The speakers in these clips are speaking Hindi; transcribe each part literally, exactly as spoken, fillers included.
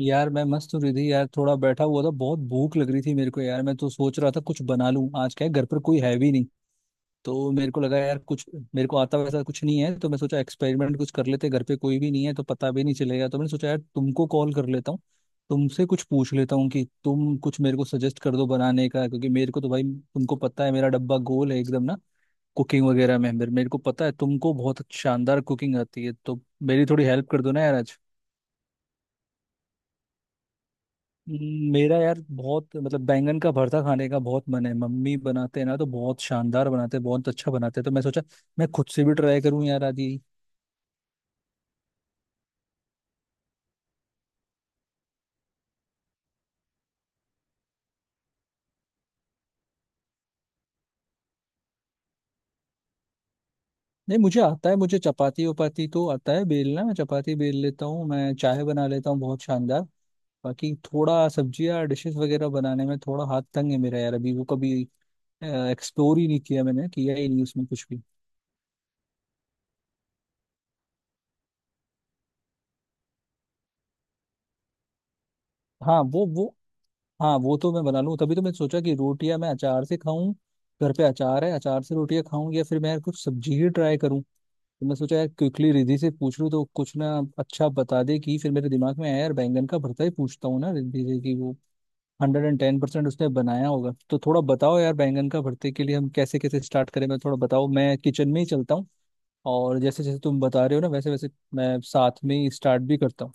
यार मैं मस्त हूँ रिधि। यार थोड़ा बैठा हुआ था, बहुत भूख लग रही थी मेरे को। यार मैं तो सोच रहा था कुछ बना लूं, आज क्या है, घर पर कोई है भी नहीं। तो मेरे को लगा यार कुछ, मेरे को आता वैसा कुछ नहीं है, तो मैं सोचा एक्सपेरिमेंट कुछ कर लेते। घर पे कोई भी नहीं है तो पता भी नहीं चलेगा, तो मैंने सोचा यार तुमको कॉल कर लेता हूँ, तुमसे कुछ पूछ लेता हूँ कि तुम कुछ मेरे को सजेस्ट कर दो बनाने का। क्योंकि मेरे को तो, भाई, तुमको पता है, मेरा डब्बा गोल है एकदम, ना कुकिंग वगैरह में। मेरे मेरे को पता है तुमको बहुत शानदार कुकिंग आती है, तो मेरी थोड़ी हेल्प कर दो ना यार आज। मेरा यार बहुत, मतलब, बैंगन का भरता खाने का बहुत मन है। मम्मी बनाते हैं ना तो बहुत शानदार बनाते हैं, बहुत अच्छा बनाते हैं, तो मैं सोचा मैं खुद से भी ट्राई करूं यार आज ही। नहीं, मुझे आता है, मुझे चपाती वपाती तो आता है बेलना, मैं चपाती बेल लेता हूँ, मैं चाय बना लेता हूँ बहुत शानदार। बाकी थोड़ा सब्जियाँ डिशेस वगैरह बनाने में थोड़ा हाथ तंग है मेरा यार, अभी वो कभी एक्सप्लोर ही नहीं किया, मैंने किया ही नहीं उसमें कुछ भी। हाँ वो वो, हाँ वो तो मैं बना लूँ, तभी तो मैं सोचा कि रोटियां मैं अचार से खाऊं, घर पे अचार है, अचार से रोटियां खाऊं, या फिर मैं यार कुछ सब्जी ही ट्राई करूं। तो मैं सोचा यार क्विकली रिद्धि से पूछ लूं तो कुछ ना अच्छा बता दे। कि फिर मेरे दिमाग में आया यार बैंगन का भरता ही पूछता हूँ ना रिद्धि से, कि वो हंड्रेड एंड टेन परसेंट उसने बनाया होगा। तो थोड़ा बताओ यार बैंगन का भरते के लिए हम कैसे कैसे स्टार्ट करें। मैं थोड़ा बताओ, मैं किचन में ही चलता हूँ, और जैसे जैसे तुम बता रहे हो ना वैसे वैसे मैं साथ में ही स्टार्ट भी करता हूँ।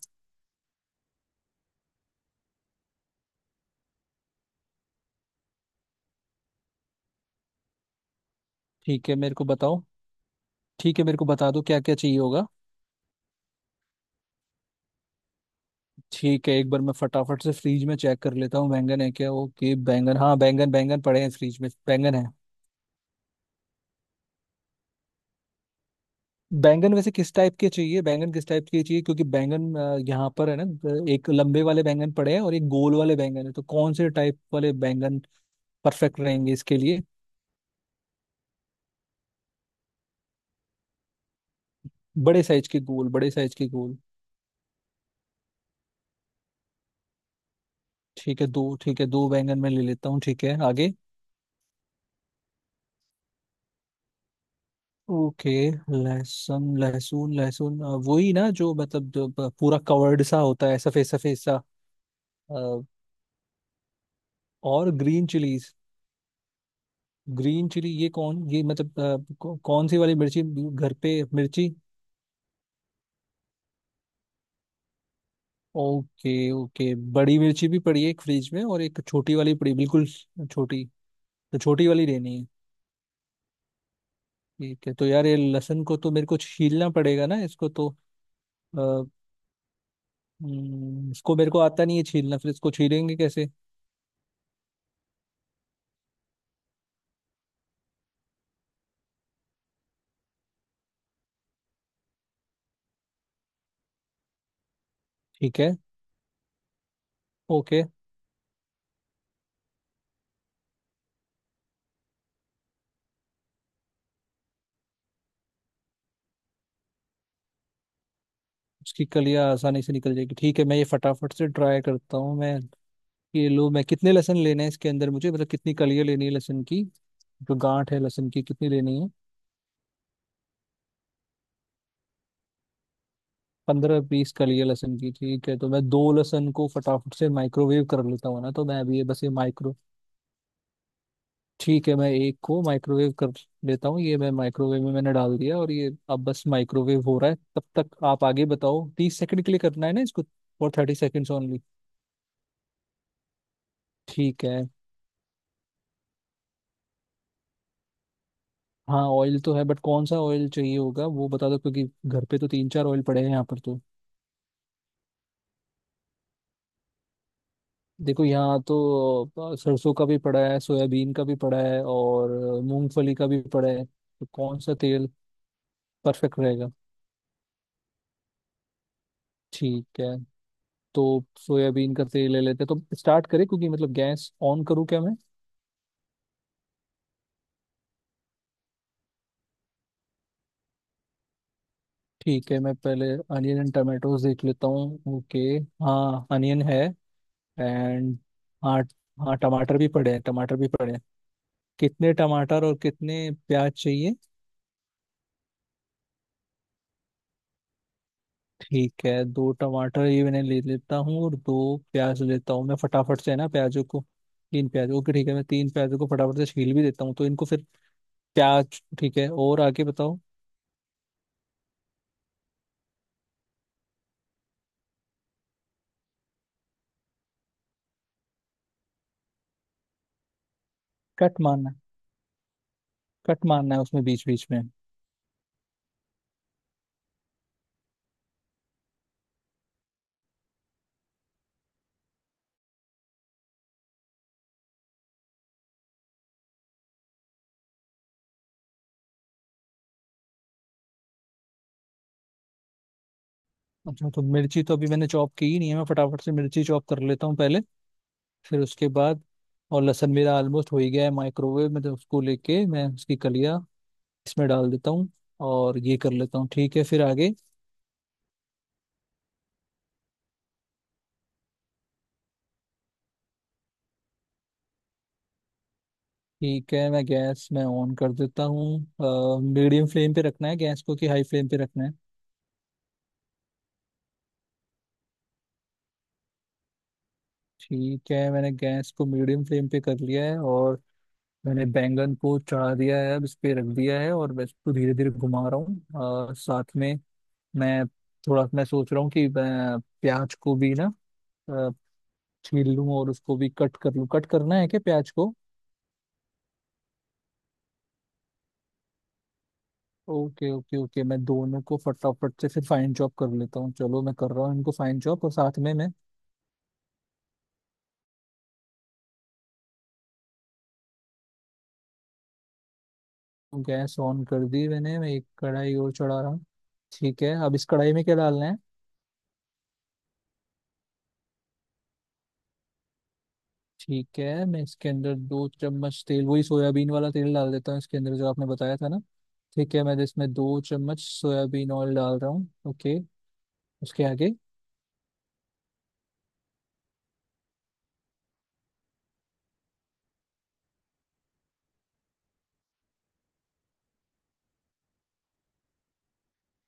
ठीक है मेरे को बताओ। ठीक है मेरे को बता दो क्या क्या चाहिए होगा। ठीक है, एक बार मैं फटाफट से फ्रीज में चेक कर लेता हूँ बैंगन है क्या। ओके बैंगन, हाँ बैंगन, बैंगन पड़े हैं फ्रीज में, बैंगन है। बैंगन वैसे किस टाइप के चाहिए, बैंगन किस टाइप के चाहिए? क्योंकि बैंगन अ, यहाँ पर है ना, अ, एक लंबे वाले बैंगन पड़े हैं और एक गोल वाले बैंगन है, तो कौन से टाइप वाले बैंगन परफेक्ट रहेंगे इसके लिए? बड़े साइज के गोल, बड़े साइज के गोल। ठीक है दो, ठीक है दो बैंगन मैं ले लेता हूँ। ठीक है आगे। ओके। लहसुन लहसुन लहसुन अ, वही ना, जो, मतलब जो प- पूरा कवर्ड सा होता है, सफेद सफेद सा। और ग्रीन चिलीज, ग्रीन चिली, ये कौन, ये मतलब अ, कौ, कौन सी वाली मिर्ची? घर पे मिर्ची? ओके ओके, बड़ी मिर्ची भी पड़ी है एक फ्रिज में और एक छोटी वाली पड़ी, बिल्कुल छोटी। तो छोटी वाली लेनी है। ठीक है, तो यार ये लहसुन को तो मेरे को छीलना पड़ेगा ना इसको तो। अ, हम्म, इसको मेरे को आता नहीं है छीलना, फिर इसको छीलेंगे कैसे? ठीक है। ओके। उसकी कलियां आसानी से निकल जाएगी, ठीक है, मैं ये फटाफट से ट्राई करता हूँ। मैं ये लो, मैं कितने लेसन लेने हैं इसके अंदर मुझे, मतलब कितनी कलियां लेनी है लहसुन की, जो गांठ है लहसुन की कितनी लेनी है? पंद्रह बीस कलियां लहसुन की, ठीक है, तो मैं दो लहसुन को फटाफट से माइक्रोवेव कर लेता हूँ ना, तो मैं अभी ये बस ये माइक्रो ठीक है मैं एक को माइक्रोवेव कर लेता हूँ। ये मैं माइक्रोवेव में मैंने डाल दिया, और ये अब बस माइक्रोवेव हो रहा है, तब तक आप आगे बताओ। तीस सेकंड के लिए करना है ना इसको, और थर्टी सेकेंड्स ओनली? ठीक है। हाँ ऑयल तो है, बट कौन सा ऑयल चाहिए होगा वो बता दो, क्योंकि घर पे तो तीन चार ऑयल पड़े हैं यहाँ पर, तो देखो यहाँ तो अ, सरसों का भी पड़ा है, सोयाबीन का भी पड़ा है, और अ, मूंगफली का भी पड़ा है, तो कौन सा तेल परफेक्ट रहेगा? ठीक है, तो सोयाबीन का तेल ले लेते हैं, तो स्टार्ट करें, क्योंकि, मतलब, गैस ऑन करूँ क्या मैं? ठीक है मैं पहले अनियन एंड टमाटोज देख लेता हूँ। ओके, हाँ अनियन है, एंड हाँ, हाँ टमाटर भी पड़े हैं, टमाटर भी पड़े हैं। कितने टमाटर और कितने प्याज चाहिए? ठीक है, दो टमाटर ये मैंने ले लेता हूँ, और दो प्याज लेता हूँ मैं फटाफट से, है ना, प्याजों को। तीन प्याज, ओके। ठीक है, मैं तीन प्याजों को फटाफट से छील भी देता हूँ तो इनको फिर प्याज। ठीक है और आगे बताओ। कट मारना है, कट मारना है उसमें बीच बीच में? अच्छा तो मिर्ची तो अभी मैंने चॉप की ही नहीं है, मैं फटाफट से मिर्ची चॉप कर लेता हूँ पहले, फिर उसके बाद। और लहसुन मेरा ऑलमोस्ट हो ही गया है माइक्रोवेव में, तो उसको लेके मैं उसकी कलियाँ इसमें डाल देता हूँ और ये कर लेता हूँ। ठीक है, फिर आगे। ठीक है, मैं गैस मैं ऑन कर देता हूँ, मीडियम फ्लेम पे रखना है गैस को कि हाई फ्लेम पे रखना है? ठीक है, मैंने गैस को मीडियम फ्लेम पे कर लिया है, और मैंने बैंगन को चढ़ा दिया है, अब इस पे रख दिया है, और मैं इसको धीरे धीरे घुमा रहा हूँ। अ, साथ में मैं, थोड़ा मैं सोच रहा हूँ कि मैं प्याज को भी ना अ, छील लूँ और उसको भी कट कर लूँ। कट करना है क्या प्याज को? ओके ओके ओके, मैं दोनों को फटाफट से फिर फाइन चॉप कर लेता हूँ, चलो मैं कर रहा हूँ इनको फाइन चॉप, और साथ में मैं गैस ऑन कर दी मैंने, मैं एक कढ़ाई और चढ़ा रहा हूँ। ठीक है, अब इस कढ़ाई में क्या डालना है? ठीक है, मैं इसके अंदर दो चम्मच तेल, वही सोयाबीन वाला तेल, डाल देता हूँ इसके अंदर, जो आपने बताया था ना। ठीक है मैं इसमें दो चम्मच सोयाबीन ऑयल डाल रहा हूँ। ओके, उसके आगे?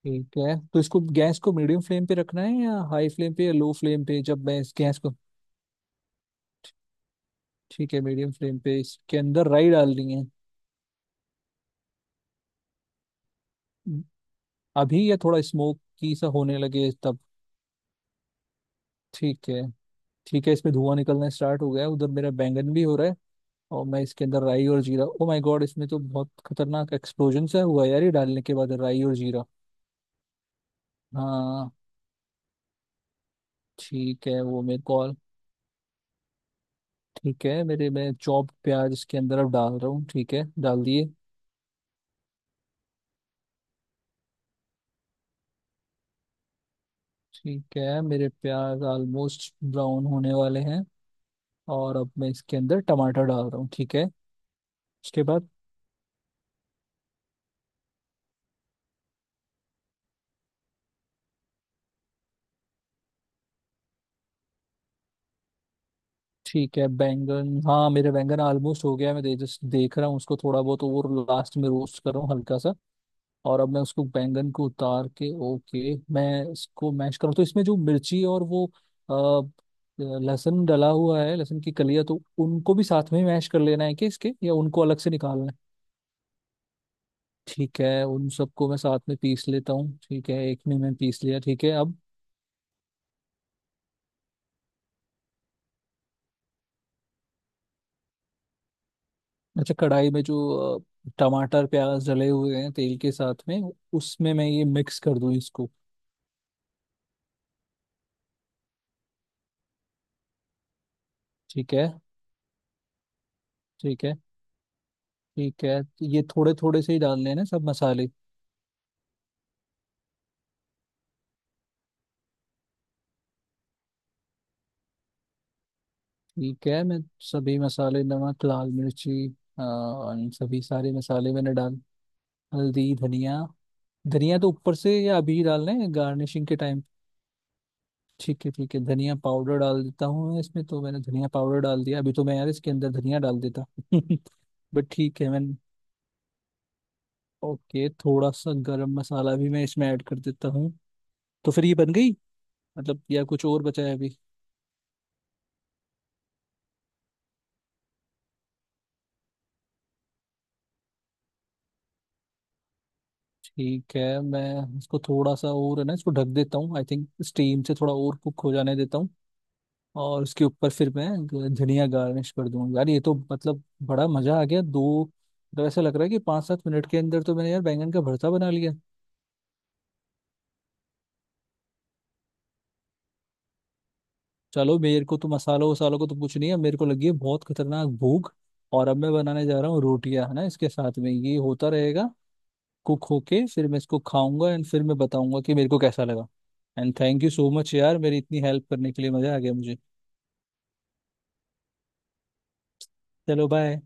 ठीक है, तो इसको गैस को मीडियम फ्लेम पे रखना है, या हाई फ्लेम पे, या लो फ्लेम पे, जब मैं इस गैस को? ठीक है, मीडियम फ्लेम पे इसके अंदर राई डालनी है अभी, या थोड़ा स्मोक की सा होने लगे तब? ठीक है। ठीक है, इसमें धुआं निकलना स्टार्ट हो गया है। उधर मेरा बैंगन भी हो रहा है, और मैं इसके अंदर राई और जीरा, ओ माय गॉड, इसमें तो बहुत खतरनाक एक्सप्लोजन सा हुआ यार ये डालने के बाद राई और जीरा। हाँ। ठीक है वो मेरे को। ठीक है, मेरे मैं चॉप प्याज इसके अंदर अब डाल रहा हूँ, ठीक है डाल दिए। ठीक है, मेरे प्याज ऑलमोस्ट ब्राउन होने वाले हैं, और अब मैं इसके अंदर टमाटर डाल रहा हूँ। ठीक है, उसके बाद? ठीक है, बैंगन, हाँ, मेरे बैंगन ऑलमोस्ट हो गया है, मैं दे, जस्ट देख रहा हूँ उसको थोड़ा बहुत, और लास्ट में रोस्ट कर रहा हूँ हल्का सा। और अब मैं उसको बैंगन को उतार के, ओके, मैं इसको मैश करूँ तो इसमें जो मिर्ची और वो अ, लहसुन डला हुआ है, लहसुन की कलियां, तो उनको भी साथ में ही मैश कर लेना है, कि इसके या उनको अलग से निकालना है? ठीक है, उन सबको मैं साथ में पीस लेता हूँ, ठीक है एक में मैं पीस लिया। ठीक है अब। अच्छा, कढ़ाई में जो अ, टमाटर प्याज डले हुए हैं तेल के साथ में, उसमें मैं ये मिक्स कर दूँ इसको? ठीक है। ठीक है। ठीक है, ये थोड़े थोड़े से ही डाल लेना सब मसाले? ठीक है, मैं सभी मसाले, नमक, लाल मिर्ची, अ, और सभी सारे मसाले मैंने डाल। हल्दी धनिया, धनिया तो ऊपर से या अभी डालना है गार्निशिंग के टाइम? ठीक है। ठीक है, धनिया पाउडर डाल देता हूँ मैं इसमें, तो मैंने धनिया पाउडर डाल दिया अभी, तो मैं यार इसके अंदर धनिया डाल देता बट ठीक है मैं। ओके, थोड़ा सा गरम मसाला भी मैं इसमें ऐड कर देता हूँ, तो फिर ये बन गई, मतलब, या कुछ और बचा है अभी? ठीक है, मैं इसको थोड़ा सा, और है ना इसको ढक देता हूँ, आई थिंक स्टीम से थोड़ा और कुक हो जाने देता हूँ। और उसके ऊपर फिर मैं ग- धनिया गार्निश कर दूंगा। यार ये तो, मतलब, बड़ा मजा आ गया। दो, मतलब, ऐसा लग रहा है कि पाँच सात मिनट के अंदर तो मैंने यार बैंगन का भरता बना लिया। चलो मेरे को तो मसालों वसालों को तो कुछ नहीं है, मेरे को लगी है बहुत खतरनाक भूख। और अब मैं बनाने जा रहा हूँ रोटियां, है ना, इसके साथ में ये होता रहेगा कुक होके, फिर मैं इसको खाऊंगा, एंड फिर मैं बताऊंगा कि मेरे को कैसा लगा। And thank you so much यार, मेरी इतनी हेल्प करने के लिए, मजा आ गया मुझे। चलो बाय।